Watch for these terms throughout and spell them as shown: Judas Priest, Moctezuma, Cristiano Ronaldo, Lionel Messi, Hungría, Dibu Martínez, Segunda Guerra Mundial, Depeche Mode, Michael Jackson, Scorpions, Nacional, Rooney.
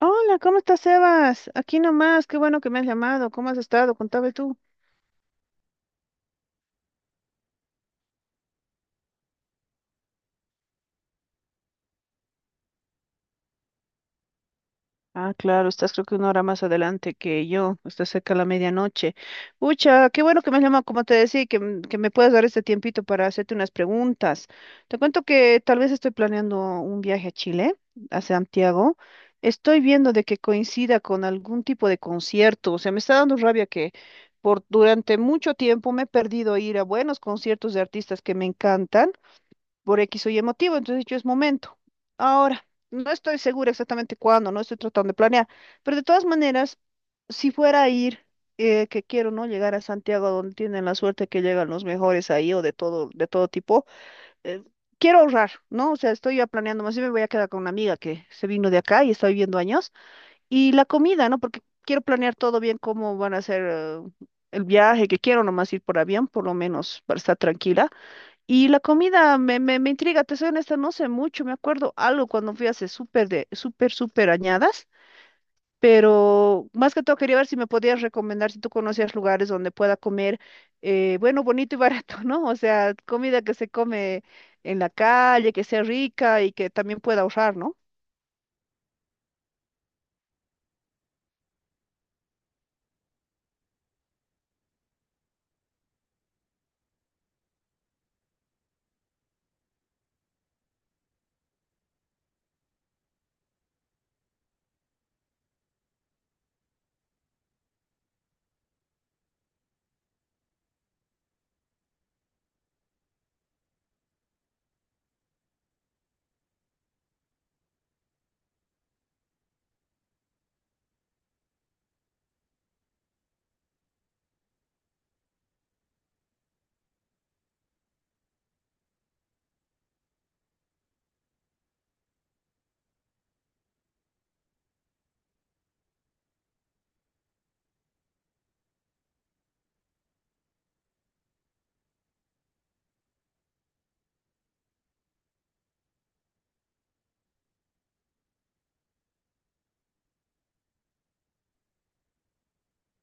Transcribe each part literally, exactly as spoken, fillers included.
Hola, ¿cómo estás, Sebas? Aquí nomás, qué bueno que me has llamado. ¿Cómo has estado? Contame tú. Ah, claro, estás creo que una hora más adelante que yo, estás cerca de la medianoche. Ucha, qué bueno que me has llamado, como te decía, y que, m- que me puedas dar este tiempito para hacerte unas preguntas. Te cuento que tal vez estoy planeando un viaje a Chile, a Santiago. Estoy viendo de que coincida con algún tipo de concierto. O sea, me está dando rabia que por durante mucho tiempo me he perdido ir a buenos conciertos de artistas que me encantan por X o Y motivo, entonces yo es momento. Ahora, no estoy segura exactamente cuándo, no estoy tratando de planear, pero de todas maneras, si fuera a ir, eh, que quiero, ¿no? Llegar a Santiago, donde tienen la suerte que llegan los mejores ahí o de todo, de todo tipo, eh, quiero ahorrar, ¿no? O sea, estoy ya planeando, más bien me voy a quedar con una amiga que se vino de acá y está viviendo años, y la comida, ¿no? Porque quiero planear todo bien, cómo van a ser... eh, El viaje que quiero nomás ir por avión, por lo menos para estar tranquila, y la comida me, me, me intriga, te soy honesta, no sé mucho, me acuerdo algo cuando fui hace súper de, súper, súper añadas, pero más que todo quería ver si me podías recomendar, si tú conocías lugares donde pueda comer, eh, bueno, bonito y barato, ¿no? O sea, comida que se come en la calle, que sea rica y que también pueda ahorrar, ¿no?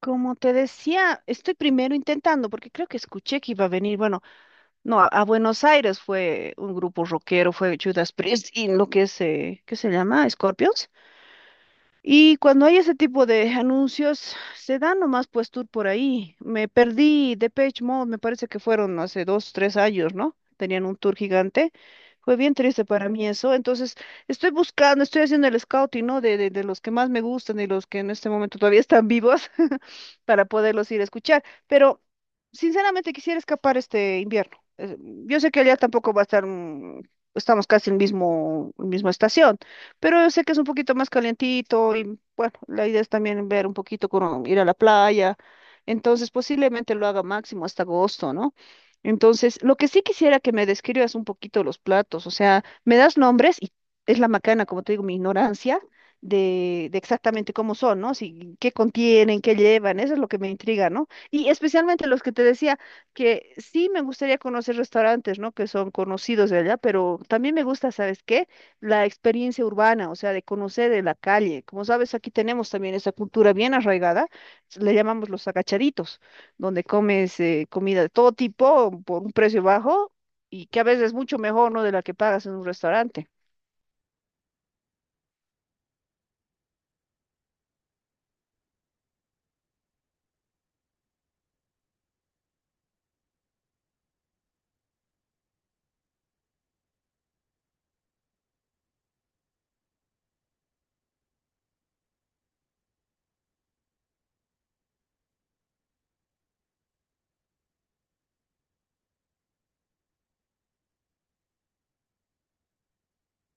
Como te decía, estoy primero intentando, porque creo que escuché que iba a venir, bueno, no, a, a Buenos Aires fue un grupo rockero, fue Judas Priest y lo que es, eh, ¿qué se llama? Scorpions. Y cuando hay ese tipo de anuncios, se dan nomás pues tour por ahí. Me perdí Depeche Mode, me parece que fueron hace dos, tres años, ¿no? Tenían un tour gigante. Fue bien triste para mí eso. Entonces, estoy buscando, estoy haciendo el scouting, ¿no? De, de, de los que más me gustan y los que en este momento todavía están vivos. Para poderlos ir a escuchar. Pero sinceramente quisiera escapar este invierno. Es- Yo sé que allá tampoco va a estar, mm, estamos casi en mismo, en misma estación, pero yo sé que es un poquito más calientito y bueno, la idea es también ver un poquito, con, ir a la playa. Entonces posiblemente lo haga máximo hasta agosto, ¿no? Entonces, lo que sí quisiera que me describas un poquito los platos, o sea, me das nombres y es la macana, como te digo, mi ignorancia, de, de exactamente cómo son, ¿no? Si, qué contienen, qué llevan, eso es lo que me intriga, ¿no? Y especialmente los que te decía que sí me gustaría conocer restaurantes, ¿no? Que son conocidos de allá, pero también me gusta, ¿sabes qué? La experiencia urbana, o sea, de conocer de la calle. Como sabes, aquí tenemos también esa cultura bien arraigada, le llamamos los agachaditos, donde comes eh, comida de todo tipo por un precio bajo. Y que a veces es mucho mejor, ¿no? De la que pagas en un restaurante.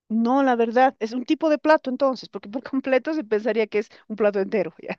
No, la verdad, es un tipo de plato entonces, porque por completo se pensaría que es un plato entero, ya.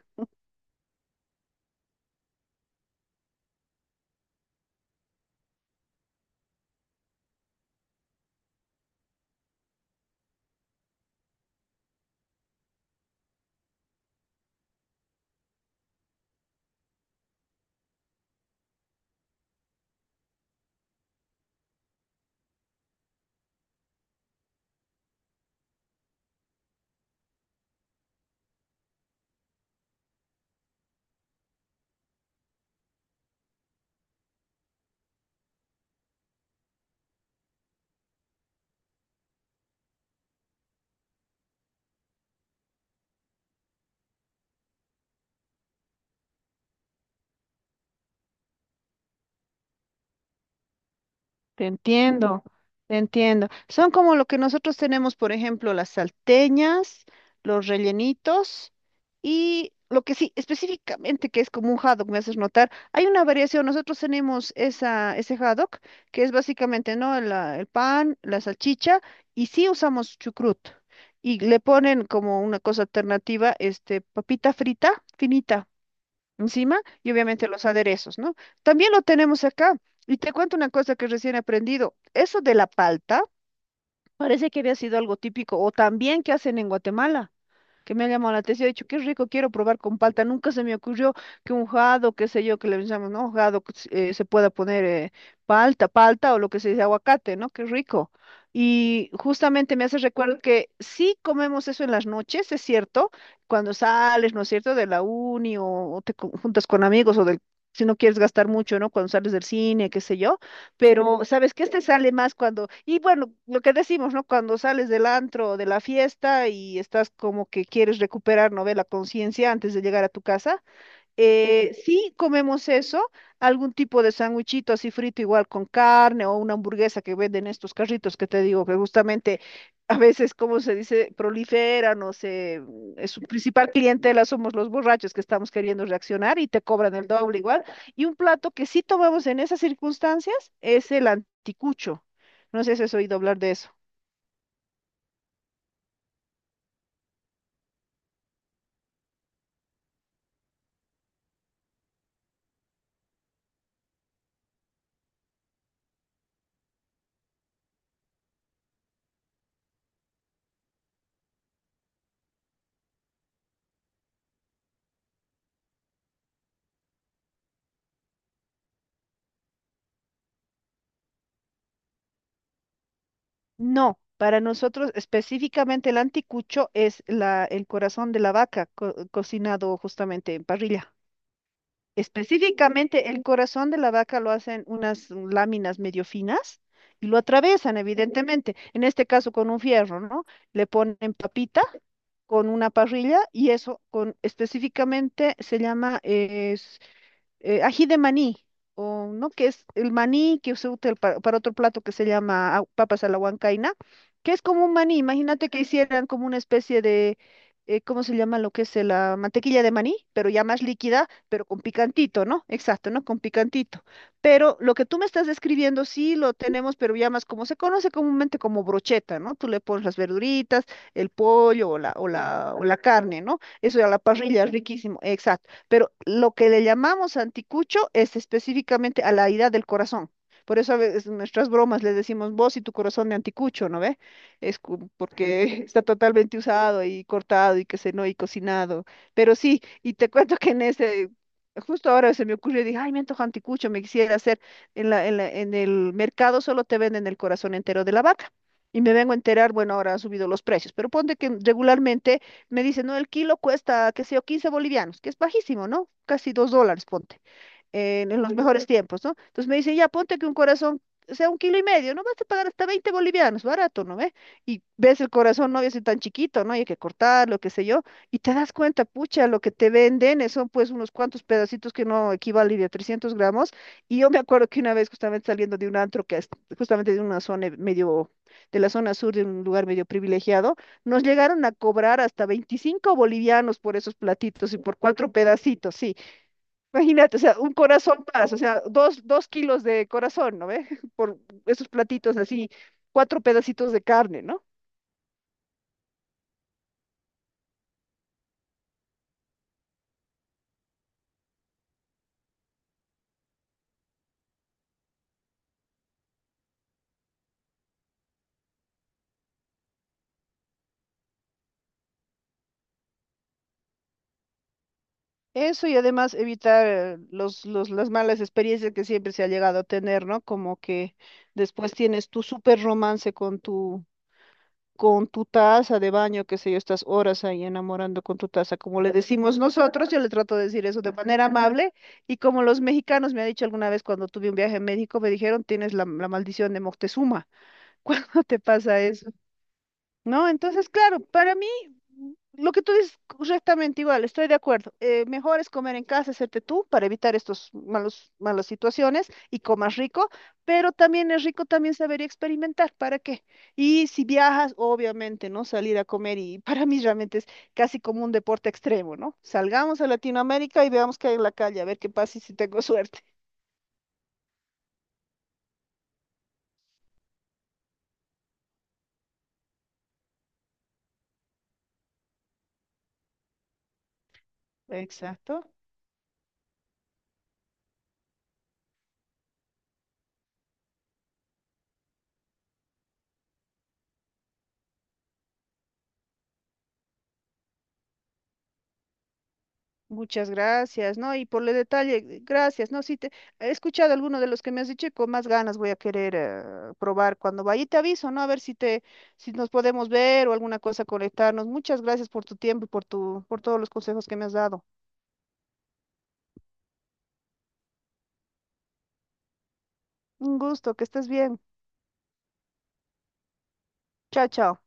Te entiendo, te entiendo. Son como lo que nosotros tenemos, por ejemplo, las salteñas, los rellenitos y lo que sí, específicamente que es como un haddock, me haces notar. Hay una variación, nosotros tenemos esa, ese haddock, que es básicamente, ¿no? La- el pan, la salchicha y sí usamos chucrut. Y le ponen como una cosa alternativa, este, papita frita, finita encima y obviamente los aderezos, ¿no? También lo tenemos acá. Y te cuento una cosa que recién he aprendido. Eso de la palta parece que había sido algo típico o también que hacen en Guatemala, que me ha llamado la atención. He dicho, qué rico, quiero probar con palta. Nunca se me ocurrió que un jado, qué sé yo, que le llamamos, ¿no? Jado, que se eh, se pueda poner eh, palta, palta, o lo que se dice aguacate, ¿no? Qué rico. Y justamente me hace recuerdo que sí comemos eso en las noches, es cierto, cuando sales, ¿no es cierto?, de la uni o, o te co- juntas con amigos o del, si no quieres gastar mucho, ¿no?, cuando sales del cine, qué sé yo, pero sabes que este sale más cuando, y bueno, lo que decimos, ¿no? Cuando sales del antro o de la fiesta y estás como que quieres recuperar, ¿no? Ve la conciencia antes de llegar a tu casa. Eh, sí comemos eso, algún tipo de sándwichito así frito igual con carne o una hamburguesa que venden estos carritos que te digo, que justamente a veces, como se dice, proliferan o se, mm, es su principal clientela somos los borrachos que estamos queriendo reaccionar y te cobran el doble igual. Y un plato que sí tomamos en esas circunstancias es el anticucho. No sé si has oído hablar de eso. No, para nosotros específicamente el anticucho es la, el corazón de la vaca co- cocinado justamente en parrilla. Específicamente el corazón de la vaca lo hacen unas láminas medio finas y lo atraviesan evidentemente. En este caso con un fierro, ¿no? Le ponen papita con una parrilla y eso con específicamente se llama eh, eh, ají de maní, o no, que es el maní que se usa para, para otro plato que se llama au- papas a la huancaina, que es como un maní. Imagínate que hicieran como una especie de, eh, ¿cómo se llama lo que es eh, la mantequilla de maní? Pero ya más líquida, pero con picantito, ¿no? Exacto, ¿no? Con picantito. Pero lo que tú me estás describiendo sí lo tenemos, pero ya más como se conoce comúnmente como brocheta, ¿no? Tú le pones las verduritas, el pollo o la, o la, o la carne, ¿no? Eso a la parrilla, riquísimo. Exacto. Pero lo que le llamamos anticucho es específicamente a la herida del corazón. Por eso a veces en nuestras bromas le decimos vos y tu corazón de anticucho, ¿no ve? Es cu- porque está totalmente usado y cortado y que se no y cocinado. Pero sí, y te cuento que en ese, justo ahora se me ocurrió, dije, ay, me antoja anticucho, me quisiera hacer. En la, en la- en el mercado solo te venden el corazón entero de la vaca. Y me vengo a enterar, bueno, ahora han subido los precios, pero ponte que regularmente me dice, no, el kilo cuesta, qué sé yo, quince bolivianos, que es bajísimo, ¿no? Casi dos dólares, ponte en, en los mejores tiempos, ¿no? Entonces me dicen, ya ponte que un corazón sea un kilo y medio, no vas a pagar hasta veinte bolivianos, barato, ¿no ve? Y ves el corazón, no, ya es tan chiquito, ¿no? Y hay que cortarlo, qué sé yo, y te das cuenta, pucha, lo que te venden eh, son pues unos cuantos pedacitos que no equivalen a trescientos gramos, y yo me acuerdo que una vez justamente saliendo de un antro que es justamente de una zona medio, de la zona sur, de un lugar medio privilegiado, nos llegaron a cobrar hasta veinticinco bolivianos por esos platitos y por cuatro pedacitos, sí. Imagínate, o sea, un corazón más, o sea, dos, dos kilos de corazón, ¿no ve? Por esos platitos así, cuatro pedacitos de carne, ¿no? Eso y además evitar eh, los, los, las malas experiencias que siempre se ha llegado a tener, ¿no? Como que después tienes tu súper romance con tu, con tu taza de baño, qué sé yo, estás horas ahí enamorando con tu taza, como le decimos nosotros, yo le trato de decir eso de manera amable, y como los mexicanos me han dicho alguna vez cuando tuve un viaje a México, me dijeron, tienes la, la maldición de Moctezuma. Cuando te pasa eso, ¿no? Entonces, claro, para mí, mm, lo que tú dices correctamente igual, estoy de acuerdo. Eh, mejor es comer en casa, hacerte tú, para evitar estos malos, malas situaciones, y comas rico, pero también es rico también saber y experimentar, ¿para qué? Y si viajas, obviamente, ¿no? Salir a comer y para mí realmente es casi como un deporte extremo, ¿no? Salgamos a Latinoamérica y veamos qué hay en la calle, a ver qué pasa y si tengo suerte. Exacto. Muchas gracias, ¿no? Y por el detalle, gracias, ¿no? Si te he escuchado alguno de los que me has dicho, y con más ganas voy a querer eh, probar cuando vaya. Y te aviso, ¿no? A ver si te, si nos podemos ver o alguna cosa conectarnos. Muchas gracias por tu tiempo y por tu, por todos los consejos que me has dado. Un gusto, que estés bien. Chao, chao.